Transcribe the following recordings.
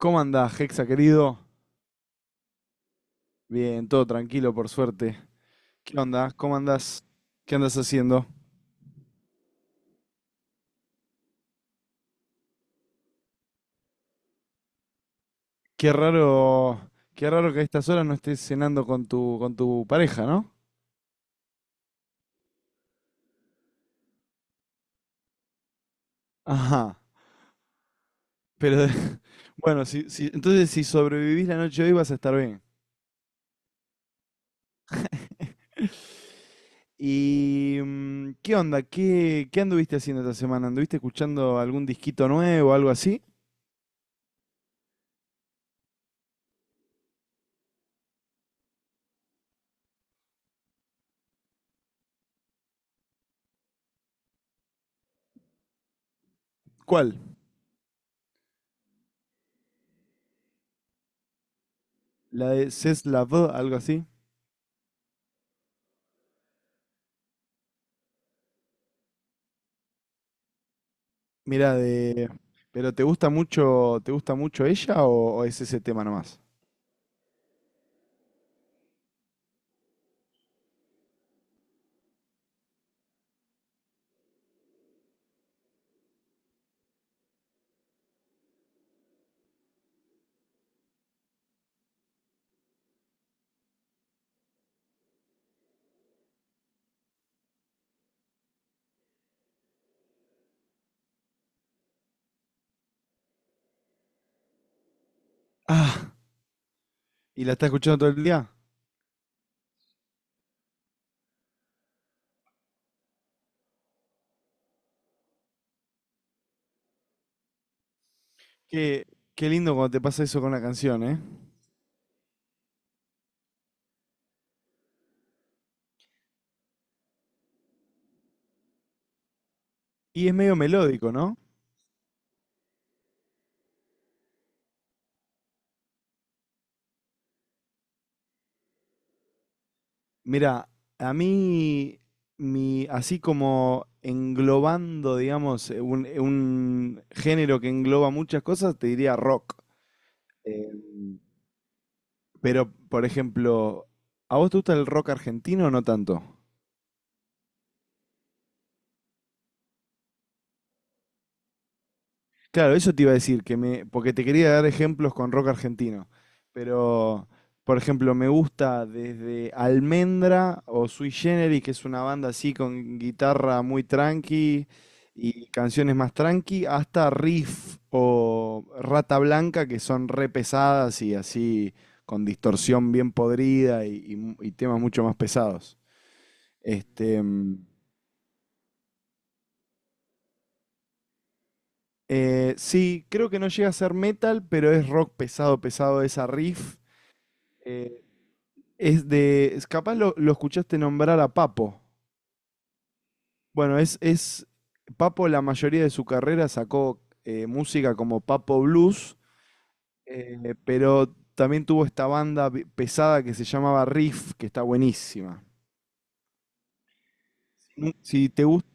¿Cómo andás, Hexa, querido? Bien, todo tranquilo, por suerte. ¿Qué onda? ¿Cómo andás? ¿Qué andas haciendo? Qué raro, qué raro que a estas horas no estés cenando con tu pareja, ¿no? Ajá. Pero de- bueno, entonces si sobrevivís la noche de hoy vas a estar bien. ¿Y qué onda? ¿Qué anduviste haciendo esta semana? ¿Anduviste escuchando algún disquito nuevo o algo así? ¿Cuál? ¿La de C'est la vie, algo así? Mira, de. ¿Pero te gusta mucho ella o es ese tema nomás? Ah, ¿y la estás escuchando todo el día? Qué, qué lindo cuando te pasa eso con una canción, ¿eh? Y es medio melódico, ¿no? Mira, a mí, mi, así como englobando, digamos, un género que engloba muchas cosas, te diría rock. Em, pero, por ejemplo, ¿a vos te gusta el rock argentino o no tanto? Claro, eso te iba a decir, que me, porque te quería dar ejemplos con rock argentino, pero por ejemplo me gusta desde Almendra o Sui Generis, que es una banda así con guitarra muy tranqui y canciones más tranqui, hasta Riff o Rata Blanca, que son re pesadas y así con distorsión bien podrida y temas mucho más pesados. Este, mm, sí, creo que no llega a ser metal, pero es rock pesado, pesado esa Riff. Eh, Capaz lo escuchaste nombrar a Papo. Bueno, es, es. Papo, la mayoría de su carrera sacó música como Papo Blues, pero también tuvo esta banda pesada que se llamaba Riff, que está buenísima. Si te gusta,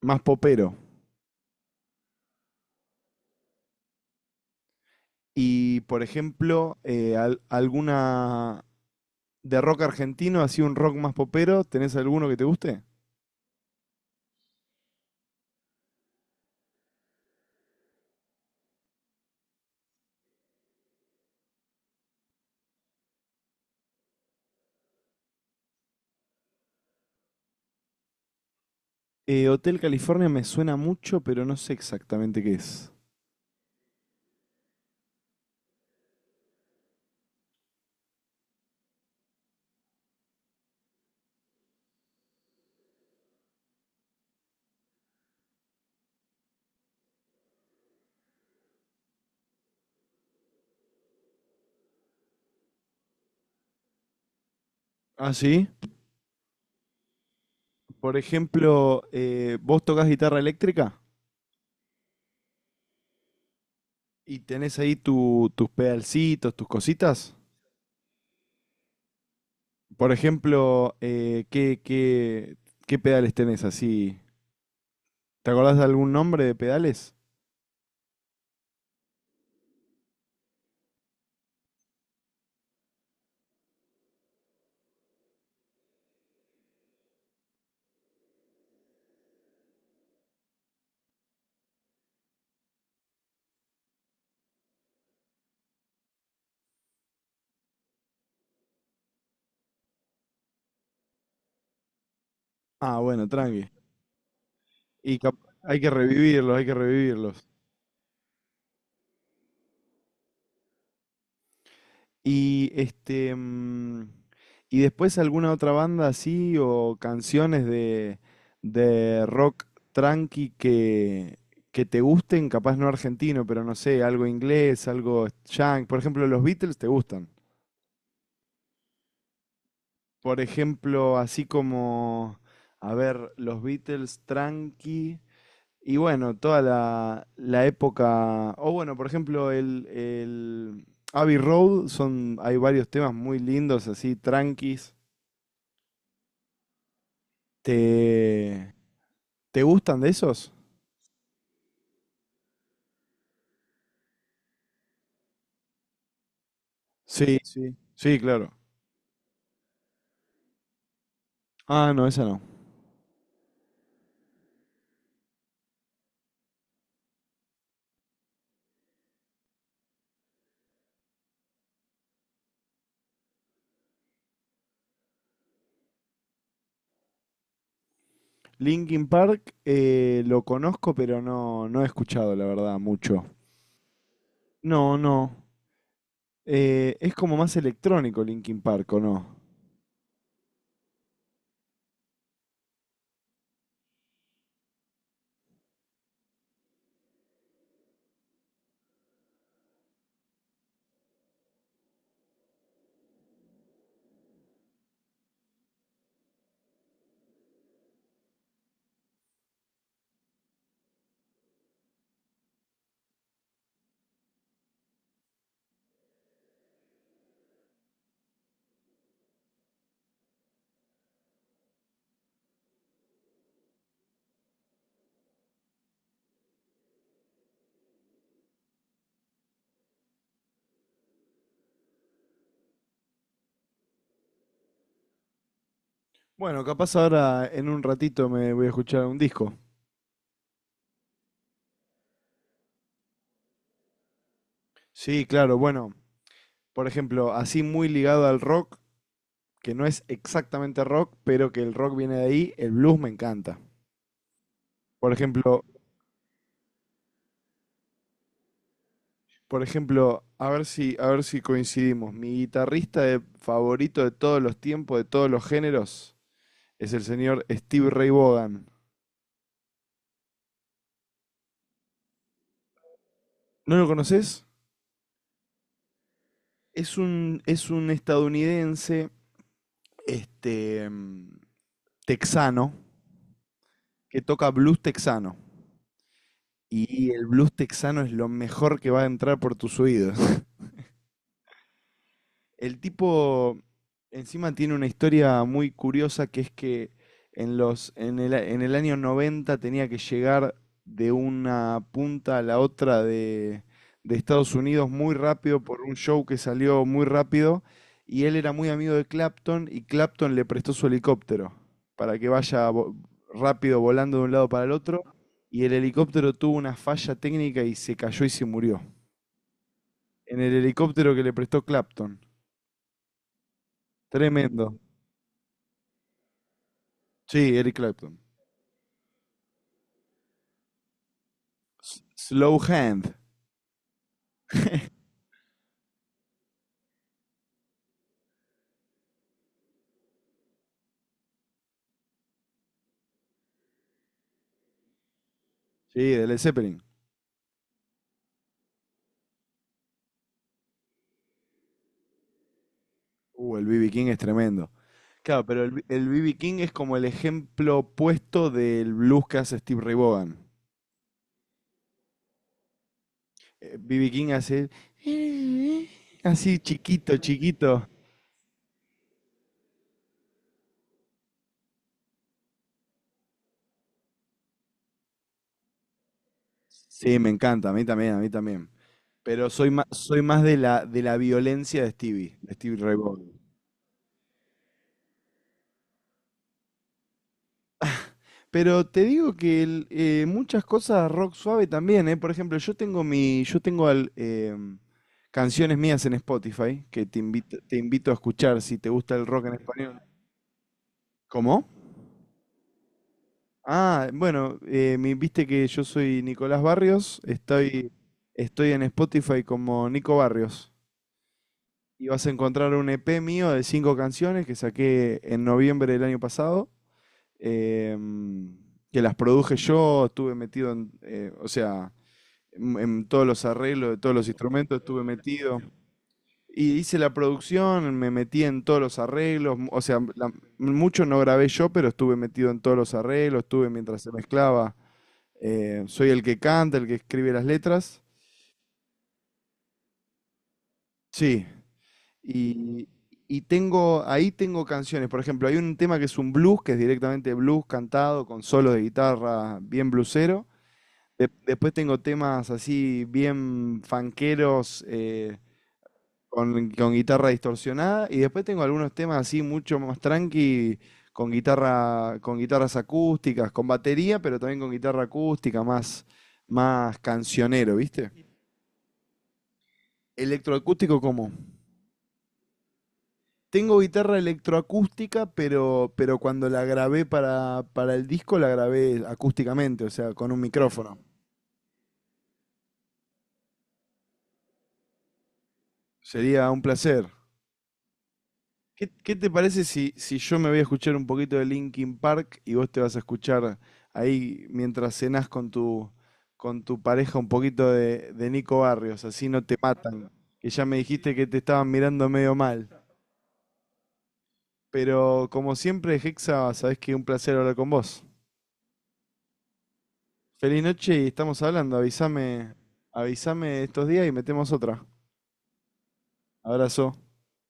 más popero. Y por ejemplo, alguna. De rock argentino, así un rock más popero, ¿tenés alguno que te guste? Hotel California me suena mucho, pero no sé exactamente qué es. ¿Ah, sí? Por ejemplo, vos tocas guitarra eléctrica y tenés ahí tus pedalcitos, tus cositas. Por ejemplo, ¿qué pedales tenés así? ¿Te acordás de algún nombre de pedales? Ah, bueno, tranqui. Y hay que revivirlos, hay que revivirlos. Y y después alguna otra banda así o canciones de rock tranqui que te gusten, capaz no argentino, pero no sé, algo inglés, algo junk. Por ejemplo, los Beatles te gustan. Por ejemplo, así como, a ver, los Beatles tranqui. Y bueno, toda la época. O bueno, por ejemplo, el Abbey Road son, hay varios temas muy lindos, así, tranquis. ¿Te, te gustan de esos? Sí, sí, sí, claro. Ah, no, esa no. Linkin Park, lo conozco, pero no, no he escuchado, la verdad, mucho. No, no. Es como más electrónico Linkin Park, ¿o no? Bueno, capaz ahora en un ratito me voy a escuchar un disco. Sí, claro, bueno, por ejemplo, así muy ligado al rock, que no es exactamente rock, pero que el rock viene de ahí, el blues me encanta. Por ejemplo, Por ejemplo, a ver si coincidimos. Mi guitarrista favorito de todos los tiempos, de todos los géneros, es el señor Steve Ray Vaughan. ¿No lo conoces? Es un estadounidense, este, mm, texano, que toca blues texano. Y el blues texano es lo mejor que va a entrar por tus oídos. El tipo encima tiene una historia muy curiosa que es que en el año 90 tenía que llegar de una punta a la otra de Estados Unidos muy rápido por un show que salió muy rápido y él era muy amigo de Clapton y Clapton le prestó su helicóptero para que vaya rápido volando de un lado para el otro y el helicóptero tuvo una falla técnica y se cayó y se murió. En el helicóptero que le prestó Clapton. Tremendo. Sí, Eric Clapton. Slow Hand. Sí, de Led Zeppelin. El B.B. King es tremendo. Claro, pero el B.B. King es como el ejemplo opuesto del blues que hace Steve Ray Vaughan. B.B. King hace. Así chiquito, chiquito. Sí, me encanta, a mí también, a mí también. Pero soy más de la violencia de Stevie Ray Vaughan. Pero te digo que muchas cosas rock suave también, ¿eh? Por ejemplo, yo tengo canciones mías en Spotify que te invito a escuchar si te gusta el rock en español. ¿Cómo? Ah, bueno, viste que yo soy Nicolás Barrios, estoy en Spotify como Nico Barrios. Y vas a encontrar un EP mío de cinco canciones que saqué en noviembre del año pasado, em, que las produje yo, estuve metido o sea. En todos los arreglos de todos los instrumentos, estuve metido. Y hice la producción, me metí en todos los arreglos, o sea, mucho no grabé yo, pero estuve metido en todos los arreglos, estuve mientras se mezclaba. Soy el que canta, el que escribe las letras. Sí. Y, y ahí tengo canciones. Por ejemplo, hay un tema que es un blues, que es directamente blues cantado con solos de guitarra bien bluesero. Después tengo temas así bien fanqueros, con guitarra distorsionada y después tengo algunos temas así mucho más tranqui con guitarras acústicas, con batería, pero también con guitarra acústica más cancionero, ¿viste? ¿Electroacústico cómo? Tengo guitarra electroacústica, pero cuando la grabé para el disco la grabé acústicamente, o sea, con un micrófono. Sería un placer. ¿Qué te parece si yo me voy a escuchar un poquito de Linkin Park y vos te vas a escuchar ahí mientras cenás con tu pareja un poquito de Nico Barrios? Así no te matan. Que ya me dijiste que te estaban mirando medio mal. Pero como siempre, Hexa, sabés que un placer hablar con vos. Feliz noche y estamos hablando. Avísame estos días y metemos otra. Abrazo.